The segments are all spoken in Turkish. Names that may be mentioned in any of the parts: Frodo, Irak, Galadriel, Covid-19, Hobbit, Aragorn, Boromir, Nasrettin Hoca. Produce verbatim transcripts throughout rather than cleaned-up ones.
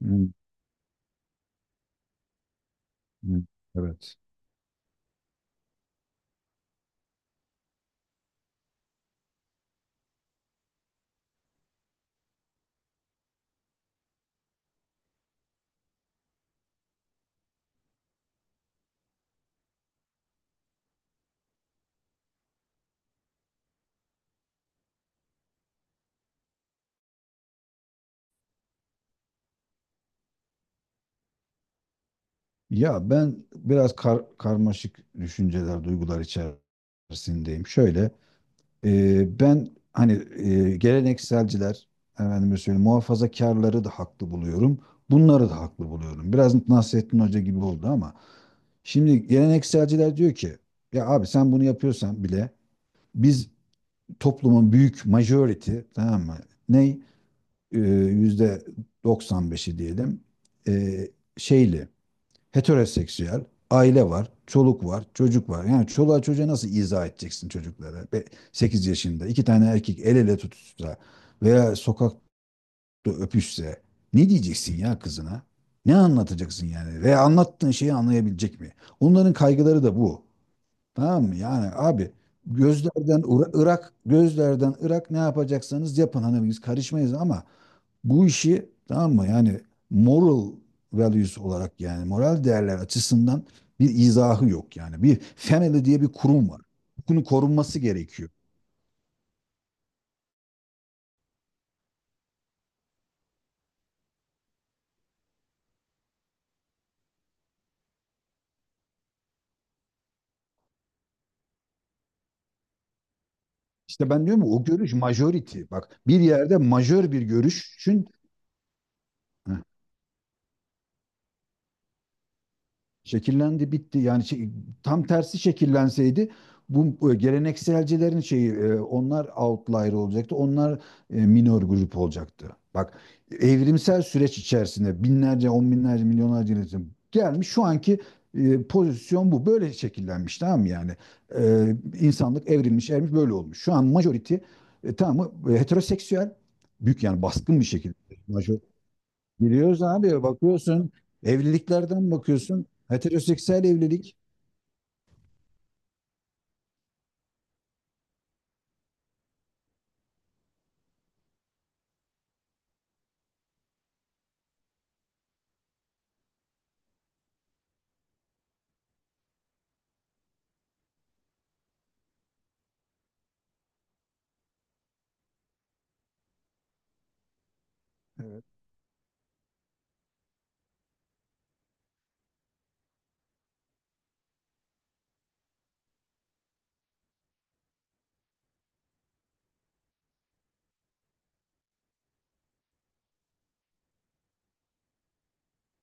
Hmm, hmm, Evet. Ya ben biraz kar- karmaşık düşünceler, duygular içerisindeyim. Şöyle, e, ben hani e, gelenekselciler, efendime söyleyeyim, muhafazakarları da haklı buluyorum. Bunları da haklı buluyorum. Biraz Nasrettin Hoca gibi oldu ama şimdi gelenekselciler diyor ki, ya abi sen bunu yapıyorsan bile biz toplumun büyük majority, tamam mı? Ne? E, yüzde doksan beşi diyelim. E, Şeyli heteroseksüel, aile var, çoluk var, çocuk var. Yani çoluğa çocuğa nasıl izah edeceksin çocuklara? Sekiz yaşında iki tane erkek el ele tutuşsa veya sokakta öpüşse ne diyeceksin ya kızına? Ne anlatacaksın yani? Veya anlattığın şeyi anlayabilecek mi? Onların kaygıları da bu. Tamam mı? Yani abi gözlerden Ira- Irak, gözlerden Irak ne yapacaksanız yapın. Hani biz karışmayız ama bu işi tamam mı? Yani moral values olarak yani moral değerler açısından bir izahı yok yani. Bir family diye bir kurum var. Bunun korunması gerekiyor. İşte ben diyorum ya, o görüş majority. Bak bir yerde majör bir görüşün şekillendi bitti. Yani şey- tam tersi şekillenseydi bu e, gelenekselcilerin şeyi e, onlar outlier olacaktı. Onlar e, minor grup olacaktı. Bak evrimsel süreç içerisinde binlerce, on binlerce, milyonlarca insan içinde gelmiş şu anki e, pozisyon bu. Böyle şekillenmiş tamam mı yani? E, insanlık evrilmiş, evrilmiş böyle olmuş. Şu an majority e, tamam mı? E, Heteroseksüel büyük yani baskın bir şekilde major. Biliyoruz abi bakıyorsun evliliklerden bakıyorsun heteroseksüel evlilik. Evet.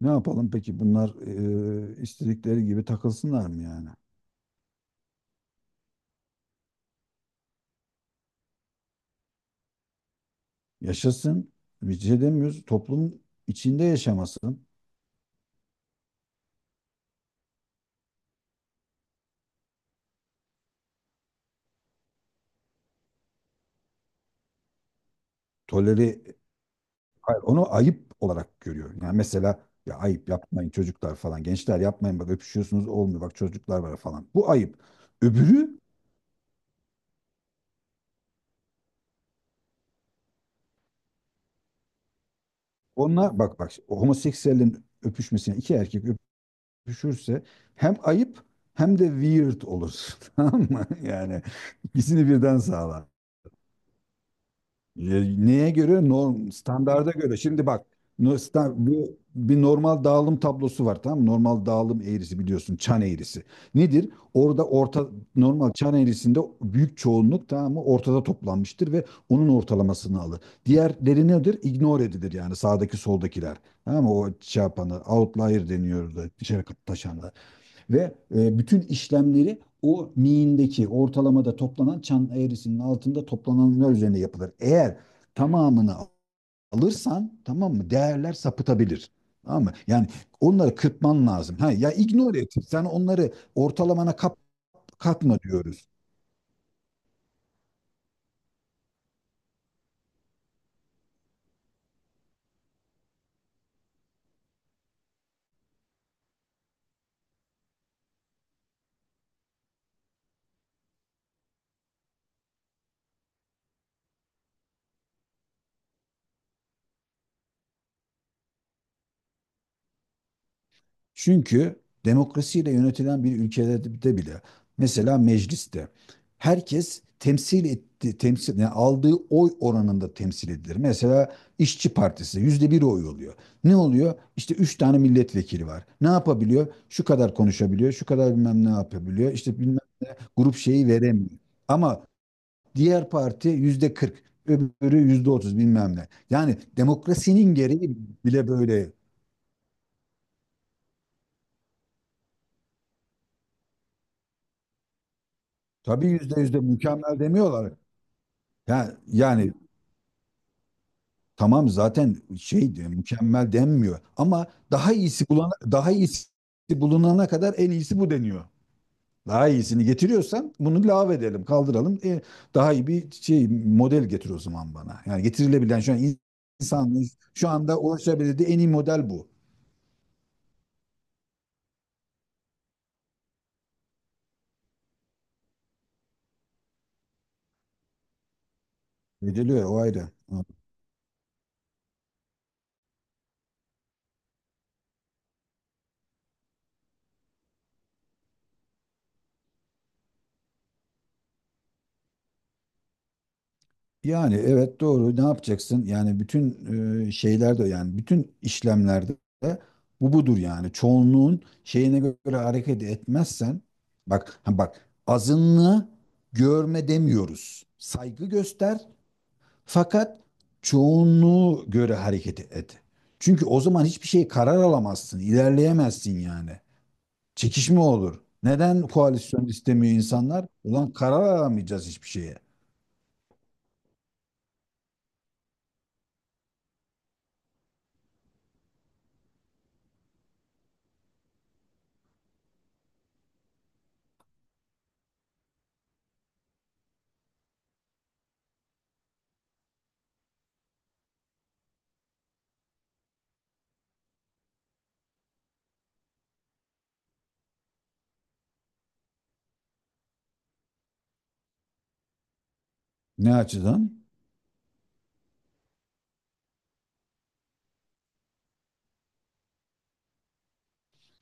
Ne yapalım peki bunlar e, istedikleri gibi takılsınlar mı yani? Yaşasın. Bir şey demiyoruz. Toplum içinde yaşamasın. Toleri hayır, onu ayıp olarak görüyor. Yani mesela ya ayıp yapmayın çocuklar falan. Gençler yapmayın bak öpüşüyorsunuz olmuyor. Bak çocuklar var falan. Bu ayıp. Öbürü onlar bak, bak homoseksüellerin öpüşmesine iki erkek düşürse hem ayıp hem de weird olur. Tamam mı? Yani ikisini birden sağlar. E, Neye göre? Norm, standarda göre. Şimdi bak no- sta- bu bir normal dağılım tablosu var tamam mı? Normal dağılım eğrisi biliyorsun çan eğrisi. Nedir? Orada orta normal çan eğrisinde büyük çoğunluk tamam mı? Ortada toplanmıştır ve onun ortalamasını alır. Diğerleri nedir? Ignore edilir yani sağdaki soldakiler. Tamam mı? O şey yapanı outlier deniyor da dışarı taşanlar. Ve e, bütün işlemleri o miğindeki ortalamada toplanan çan eğrisinin altında toplananlar üzerine yapılır. Eğer tamamını alırsan tamam mı değerler sapıtabilir. Tamam mı? Yani onları kırpman lazım. Ha, ya ignore et. Sen onları ortalamana kap, katma diyoruz. Çünkü demokrasiyle yönetilen bir ülkede bile mesela mecliste herkes temsil etti temsil yani aldığı oy oranında temsil edilir. Mesela İşçi Partisi yüzde bir oy oluyor. Ne oluyor? İşte üç tane milletvekili var. Ne yapabiliyor? Şu kadar konuşabiliyor, şu kadar bilmem ne yapabiliyor. İşte bilmem grup şeyi veremiyor. Ama diğer parti yüzde kırk, öbürü yüzde otuz bilmem ne. Yani demokrasinin gereği bile böyle. Tabii yüzde yüzde mükemmel demiyorlar. Ya, yani tamam zaten şey diyor, mükemmel denmiyor ama daha iyisi bulana, daha iyisi bulunana kadar en iyisi bu deniyor. Daha iyisini getiriyorsan bunu lave edelim, kaldıralım. E, daha iyi bir şey model getir o zaman bana. Yani getirilebilen şu an insanın şu anda ulaşabildiği en iyi model bu. Ediliyor o ayrı. Yani evet doğru ne yapacaksın? Yani bütün e, şeylerde yani bütün işlemlerde bu budur yani. Çoğunluğun şeyine göre hareket etmezsen bak ha bak azınlığı görme demiyoruz. Saygı göster fakat çoğunluğu göre hareket et. Çünkü o zaman hiçbir şey karar alamazsın, ilerleyemezsin yani. Çekişme olur. Neden koalisyon istemiyor insanlar? Ulan karar alamayacağız hiçbir şeye. Ne açıdan?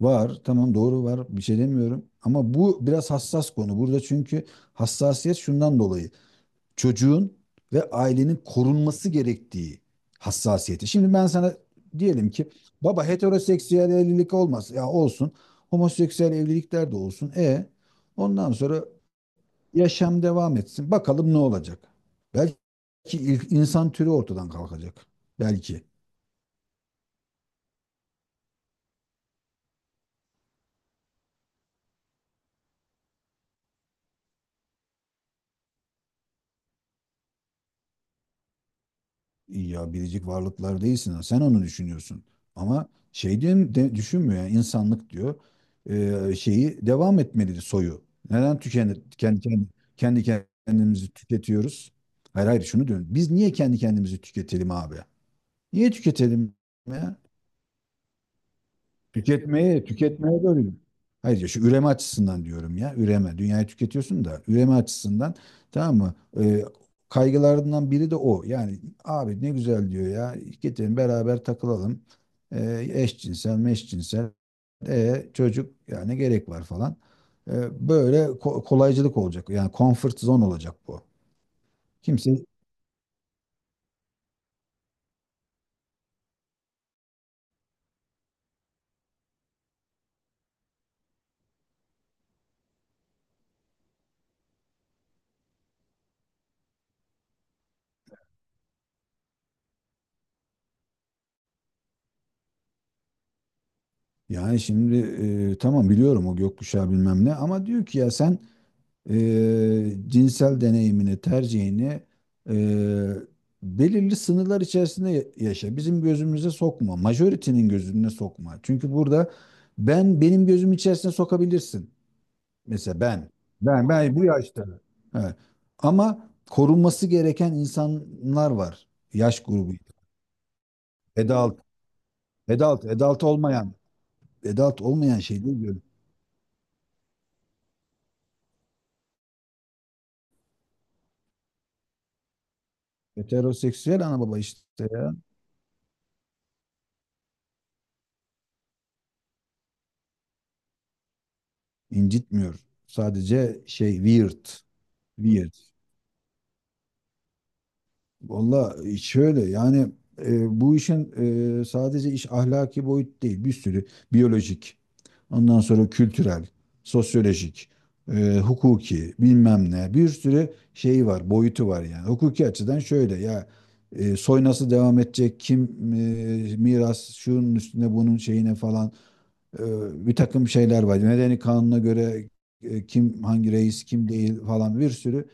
Var, tamam doğru var. Bir şey demiyorum. Ama bu biraz hassas konu. Burada çünkü hassasiyet şundan dolayı. Çocuğun ve ailenin korunması gerektiği hassasiyeti. Şimdi ben sana diyelim ki baba heteroseksüel evlilik olmaz. Ya olsun. Homoseksüel evlilikler de olsun. E ondan sonra yaşam devam etsin. Bakalım ne olacak. Belki il- insan türü ortadan kalkacak. Belki. Ya biricik varlıklar değilsin. Ha, sen onu düşünüyorsun. Ama şey diye de, düşünmüyor yani insanlık diyor. Ee, şeyi devam etmelidir soyu. Neden tüken, kendi, kendi, kendi kendimizi tüketiyoruz? Hayır hayır şunu diyorum. Biz niye kendi kendimizi tüketelim abi? Niye tüketelim ya? Tüketmeye, tüketmeye dönüyor. Hayır ya şu üreme açısından diyorum ya. Üreme. Dünyayı tüketiyorsun da üreme açısından tamam mı? Ee, Kaygılarından biri de o. Yani abi ne güzel diyor ya. Getirin beraber takılalım. Ee, eşcinsel, meşcinsel. E, çocuk yani gerek var falan. Ee, böyle ko- kolaycılık olacak. Yani comfort zone olacak bu. Kimse yani şimdi e, tamam biliyorum o gökkuşağı bilmem ne ama diyor ki ya sen eee, cinsel deneyimini, tercihini eee, belirli sınırlar içerisinde ya- yaşa. Bizim gözümüze sokma. Majority'nin gözüne sokma. Çünkü burada ben benim gözüm içerisine sokabilirsin. Mesela ben. Ben ben bu yaşta. Evet. Ama korunması gereken insanlar var. Yaş grubu. Adult, adult, adult olmayan, adult olmayan şey değil diyorum. Heteroseksüel ana baba işte ya. İncitmiyor. Sadece şey weird. Bir. Valla şöyle yani e, bu işin e, sadece iş ahlaki boyut değil. Bir sürü biyolojik, ondan sonra kültürel, sosyolojik, e, hukuki bilmem ne bir sürü şeyi var, boyutu var yani. Hukuki açıdan şöyle ya e, soy nasıl devam edecek, kim e, miras şunun üstüne bunun şeyine falan e, bir takım şeyler var. Medeni kanuna göre e, kim hangi reis kim değil falan bir sürü.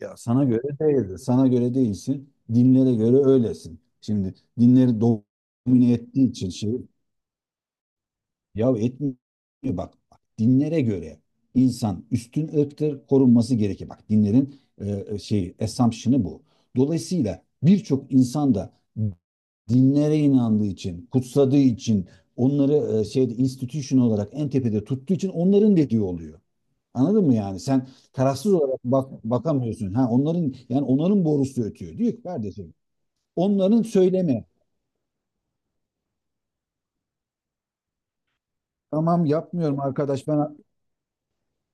Ya sana göre değildir. Sana göre değilsin. Dinlere göre öylesin. Şimdi dinleri domine ettiği için şey ya etmiyor. Bak, bak dinlere göre insan üstün ırktır korunması gerekir. Bak dinlerin e, e, şey assumption'ı bu. Dolayısıyla birçok insan da dinlere inandığı için, kutsadığı için, onları e, şeyde institution olarak en tepede tuttuğu için onların dediği oluyor. Anladın mı yani? Sen tarafsız olarak bak, bakamıyorsun. Ha onların yani onların borusu ötüyor. Diyor ki kardeşim onların söyleme. Tamam yapmıyorum arkadaş ben.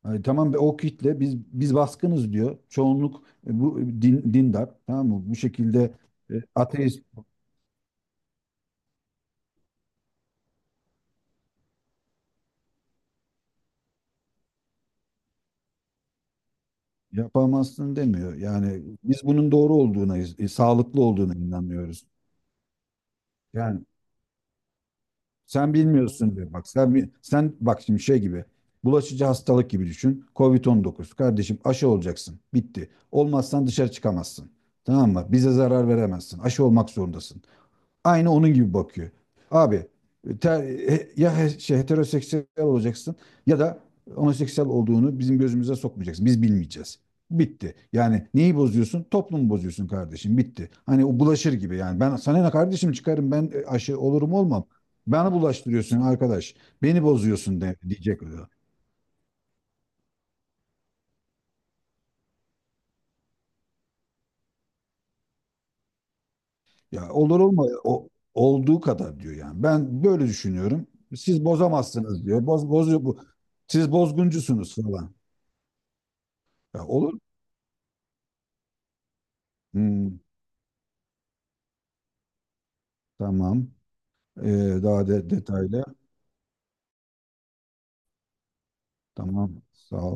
Ay, tamam be, o kitle biz biz baskınız diyor. Çoğunluk e, bu e, din, dindar tamam mı? Bu şekilde e, ateist yapamazsın demiyor. Yani biz bunun doğru olduğuna, e, sağlıklı olduğuna inanıyoruz. Yani sen bilmiyorsun diyor. Bak sen bi- sen bak şimdi şey gibi. Bulaşıcı hastalık gibi düşün. kovid on dokuz kardeşim aşı olacaksın. Bitti. Olmazsan dışarı çıkamazsın. Tamam mı? Bize zarar veremezsin. Aşı olmak zorundasın aynı onun gibi bakıyor. Abi ter- ya he- şey, heteroseksüel olacaksın ya da homoseksüel olduğunu bizim gözümüze sokmayacaksın. Biz bilmeyeceğiz. Bitti. Yani neyi bozuyorsun? Toplumu bozuyorsun kardeşim. Bitti. Hani o bulaşır gibi yani. Ben sana ne kardeşim çıkarım ben e, aşı olurum olmam. Bana bulaştırıyorsun arkadaş. Beni bozuyorsun de, diyecek o da. Ya olur olma o olduğu kadar diyor yani. Ben böyle düşünüyorum. Siz bozamazsınız diyor. Boz, bozuyor bu. Siz bozguncusunuz falan. Ya olur. Hmm, tamam. Ee, daha de detaylı. Tamam. Sağ ol.